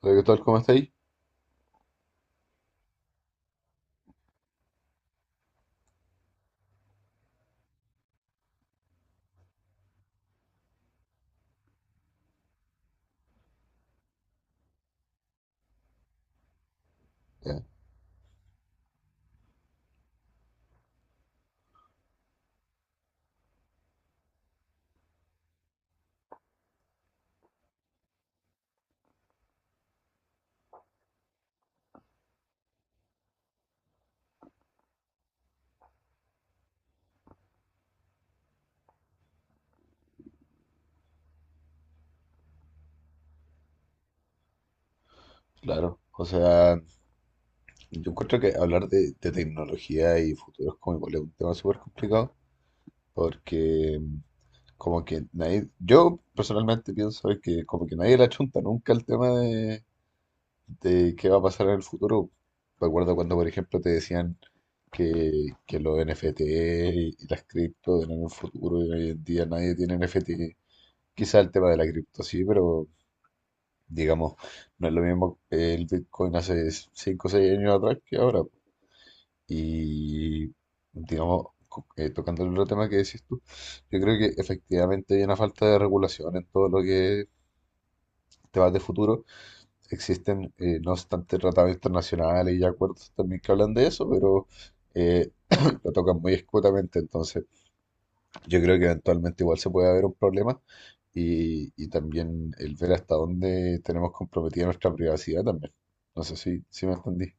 Hola, ¿qué tal? ¿Cómo estáis? Ya, claro. O sea, yo encuentro que hablar de tecnología y futuros como igual es un tema súper complicado porque como que nadie, yo personalmente pienso que como que nadie la chunta nunca el tema de qué va a pasar en el futuro. Me acuerdo cuando, por ejemplo, te decían que los NFT y las cripto eran el futuro y hoy en día nadie tiene NFT. Quizá el tema de la cripto sí, pero digamos, no es lo mismo el Bitcoin hace 5 o 6 años atrás que ahora. Y digamos, tocando el otro tema que decís tú, yo creo que efectivamente hay una falta de regulación en todo lo que es temas de futuro. Existen, no obstante, tratados internacionales y acuerdos también que hablan de eso, pero eh, lo tocan muy escuetamente. Entonces, yo creo que eventualmente igual se puede haber un problema y también el ver hasta dónde tenemos comprometida nuestra privacidad también. No sé si me entendí.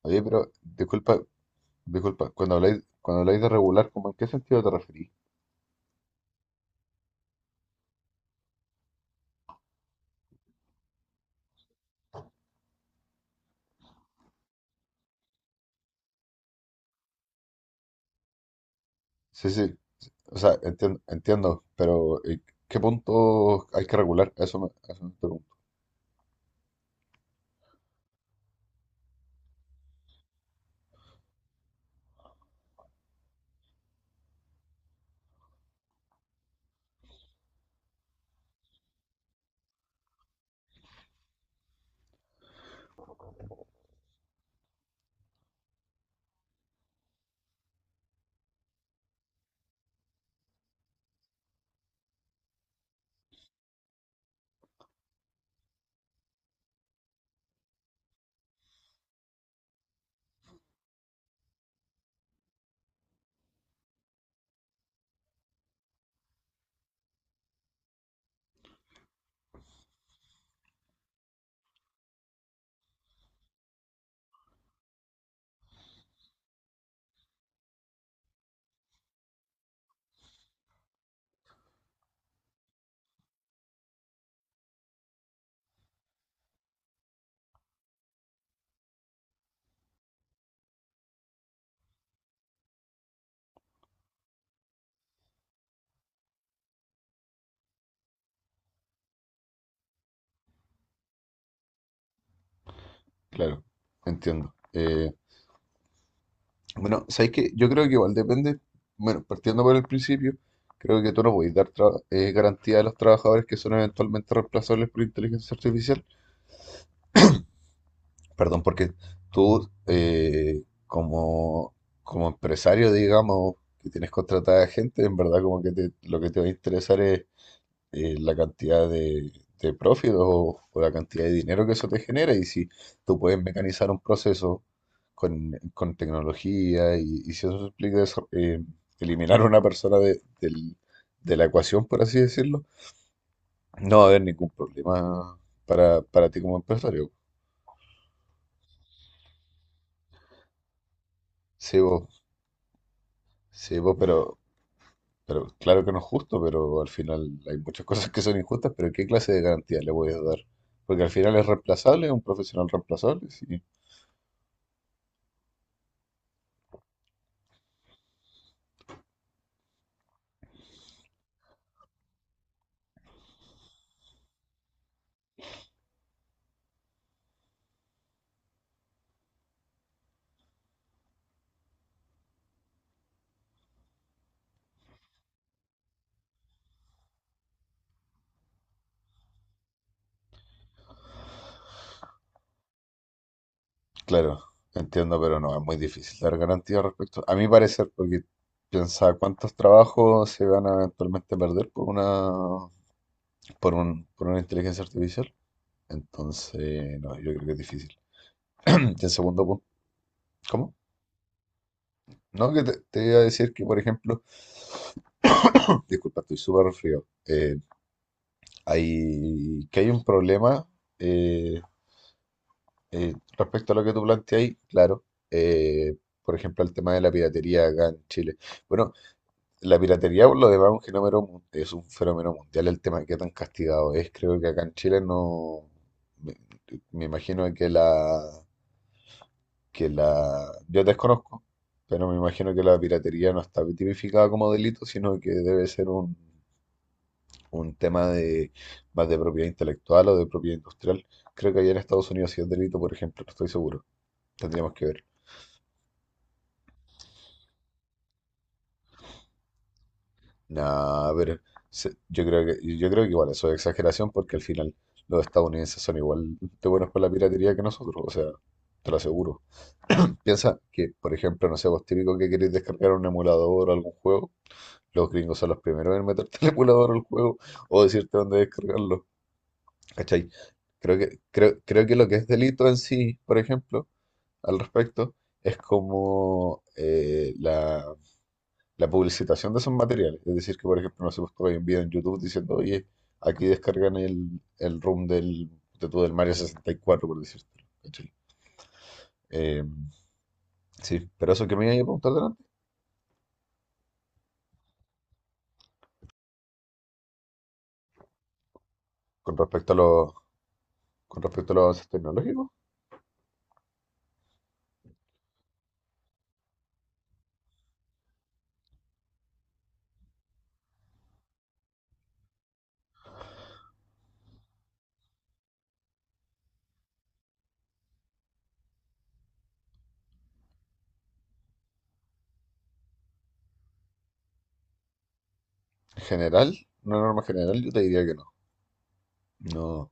Oye, pero disculpa, disculpa, cuando habláis de regular, ¿cómo en qué sentido te referís? Sí, sí, o sea, entiendo, pero ¿qué punto hay que regular? A eso a eso me pregunto. Claro, entiendo. Bueno, sabéis que yo creo que igual depende, bueno, partiendo por el principio, creo que tú no podéis dar garantía a los trabajadores que son eventualmente reemplazables por inteligencia artificial. Perdón, porque tú, como empresario, digamos, que tienes contratada gente, en verdad como que lo que te va a interesar es la cantidad de profit o la cantidad de dinero que eso te genera. Y si tú puedes mecanizar un proceso con tecnología y si eso implica eso, eliminar a una persona de la ecuación, por así decirlo, no va a haber ningún problema para ti como empresario. Sí, vos, sí, vos, pero claro que no es justo, pero al final hay muchas cosas que son injustas, pero ¿qué clase de garantía le voy a dar? Porque al final es reemplazable, es un profesional reemplazable, sí. Claro, entiendo, pero no, es muy difícil dar garantía respecto, a mi parecer, porque piensa cuántos trabajos se van a eventualmente perder por por una inteligencia artificial. Entonces, no, yo creo que es difícil. Y el segundo punto, ¿cómo? No, que te iba a decir que, por ejemplo, disculpa, estoy súper resfriado. Que hay un problema eh, respecto a lo que tú planteas claro. eh, por ejemplo, el tema de la piratería acá en Chile. Bueno, la piratería, por lo demás, es un fenómeno, es un fenómeno mundial el tema que tan castigado es. Creo que acá en Chile no. Me, me imagino que la, que la, yo desconozco, pero me imagino que la piratería no está tipificada como delito, sino que debe ser un tema de más de propiedad intelectual o de propiedad industrial. Creo que allá en Estados Unidos sí es delito, por ejemplo, no estoy seguro. Tendríamos que ver. No, pero yo creo que igual eso es exageración porque al final los estadounidenses son igual de buenos con la piratería que nosotros, o sea, te lo aseguro. Piensa que, por ejemplo, no sé, vos típico que querés descargar un emulador o algún juego, los gringos son los primeros en meterte el emulador al juego o decirte dónde descargarlo, ¿cachai? Creo que, creo, creo que lo que es delito en sí, por ejemplo, al respecto, es como la publicitación de esos materiales. Es decir, que por ejemplo, no sé, pues tú hay un video en YouTube diciendo, oye, aquí descargan el ROM del Mario 64, por decirte. Sí, pero eso que me iba a preguntar delante, con respecto a los, con respecto a los avances tecnológicos, en general, una norma general, yo te diría que no. No,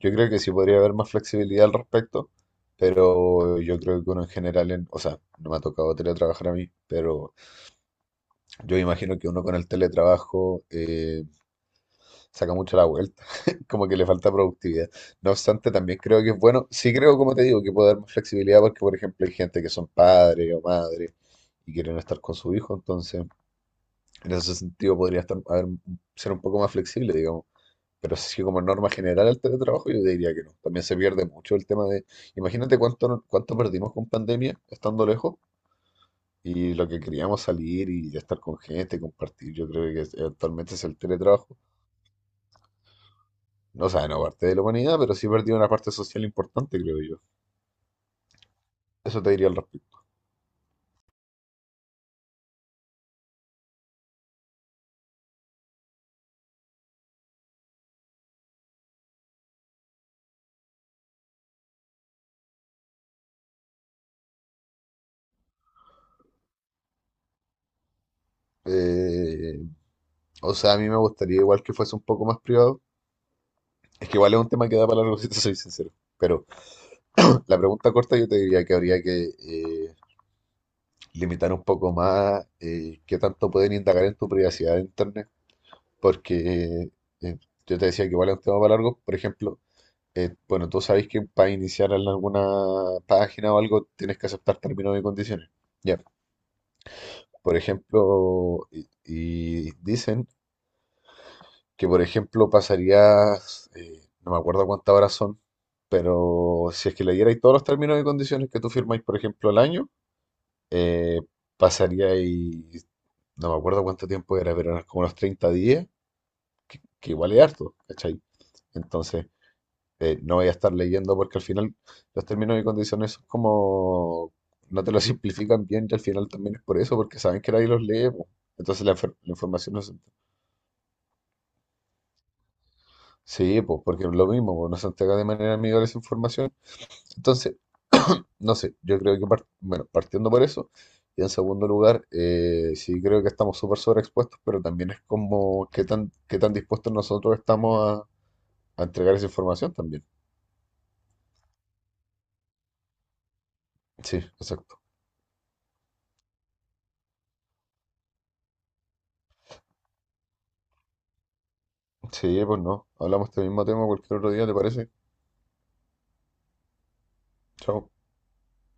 yo creo que sí podría haber más flexibilidad al respecto, pero yo creo que uno en general, o sea, no me ha tocado teletrabajar a mí, pero yo imagino que uno con el teletrabajo saca mucho la vuelta, como que le falta productividad. No obstante, también creo que es bueno, sí creo, como te digo, que puede dar más flexibilidad porque, por ejemplo, hay gente que son padres o madres y quieren estar con su hijo, entonces en ese sentido podría ser un poco más flexible, digamos. Pero sí, como norma general el teletrabajo, yo diría que no. También se pierde mucho el tema de, imagínate cuánto, no- cuánto perdimos con pandemia estando lejos y lo que queríamos salir y estar con gente, compartir, yo creo que actualmente es el teletrabajo. No, o sea, no parte de la humanidad, pero sí perdió una parte social importante, creo yo. Eso te diría al respecto. Eh, o sea, a mí me gustaría igual que fuese un poco más privado. Es que igual es un tema que da para largo, si te soy sincero. Pero la pregunta corta yo te diría que habría que limitar un poco más qué tanto pueden indagar en tu privacidad de internet. Porque eh, yo te decía que igual es un tema para largo. Por ejemplo, bueno, tú sabes que para iniciar en alguna página o algo tienes que aceptar términos y condiciones. Ya. Por ejemplo, y dicen que, por ejemplo, pasarías, no me acuerdo cuántas horas son, pero si es que leyerais todos los términos y condiciones que tú firmáis, por ejemplo, al año, eh, pasaríais, no me acuerdo cuánto tiempo era, pero eran como unos 30 días, que igual es harto, ¿cachai? Entonces, no voy a estar leyendo porque al final los términos y condiciones son como, no te lo simplifican bien y al final también es por eso, porque saben que nadie los lee, po. Entonces la, la información no, sí, pues, porque es lo mismo, pues, no se entrega de manera amigable esa información. Entonces, no sé, yo creo que, bueno, partiendo por eso, y en segundo lugar, sí creo que estamos súper sobreexpuestos, pero también es como qué tan dispuestos nosotros estamos a entregar esa información también. Sí, exacto. Sí, pues no, hablamos de este mismo tema cualquier otro día, ¿te parece? Chao.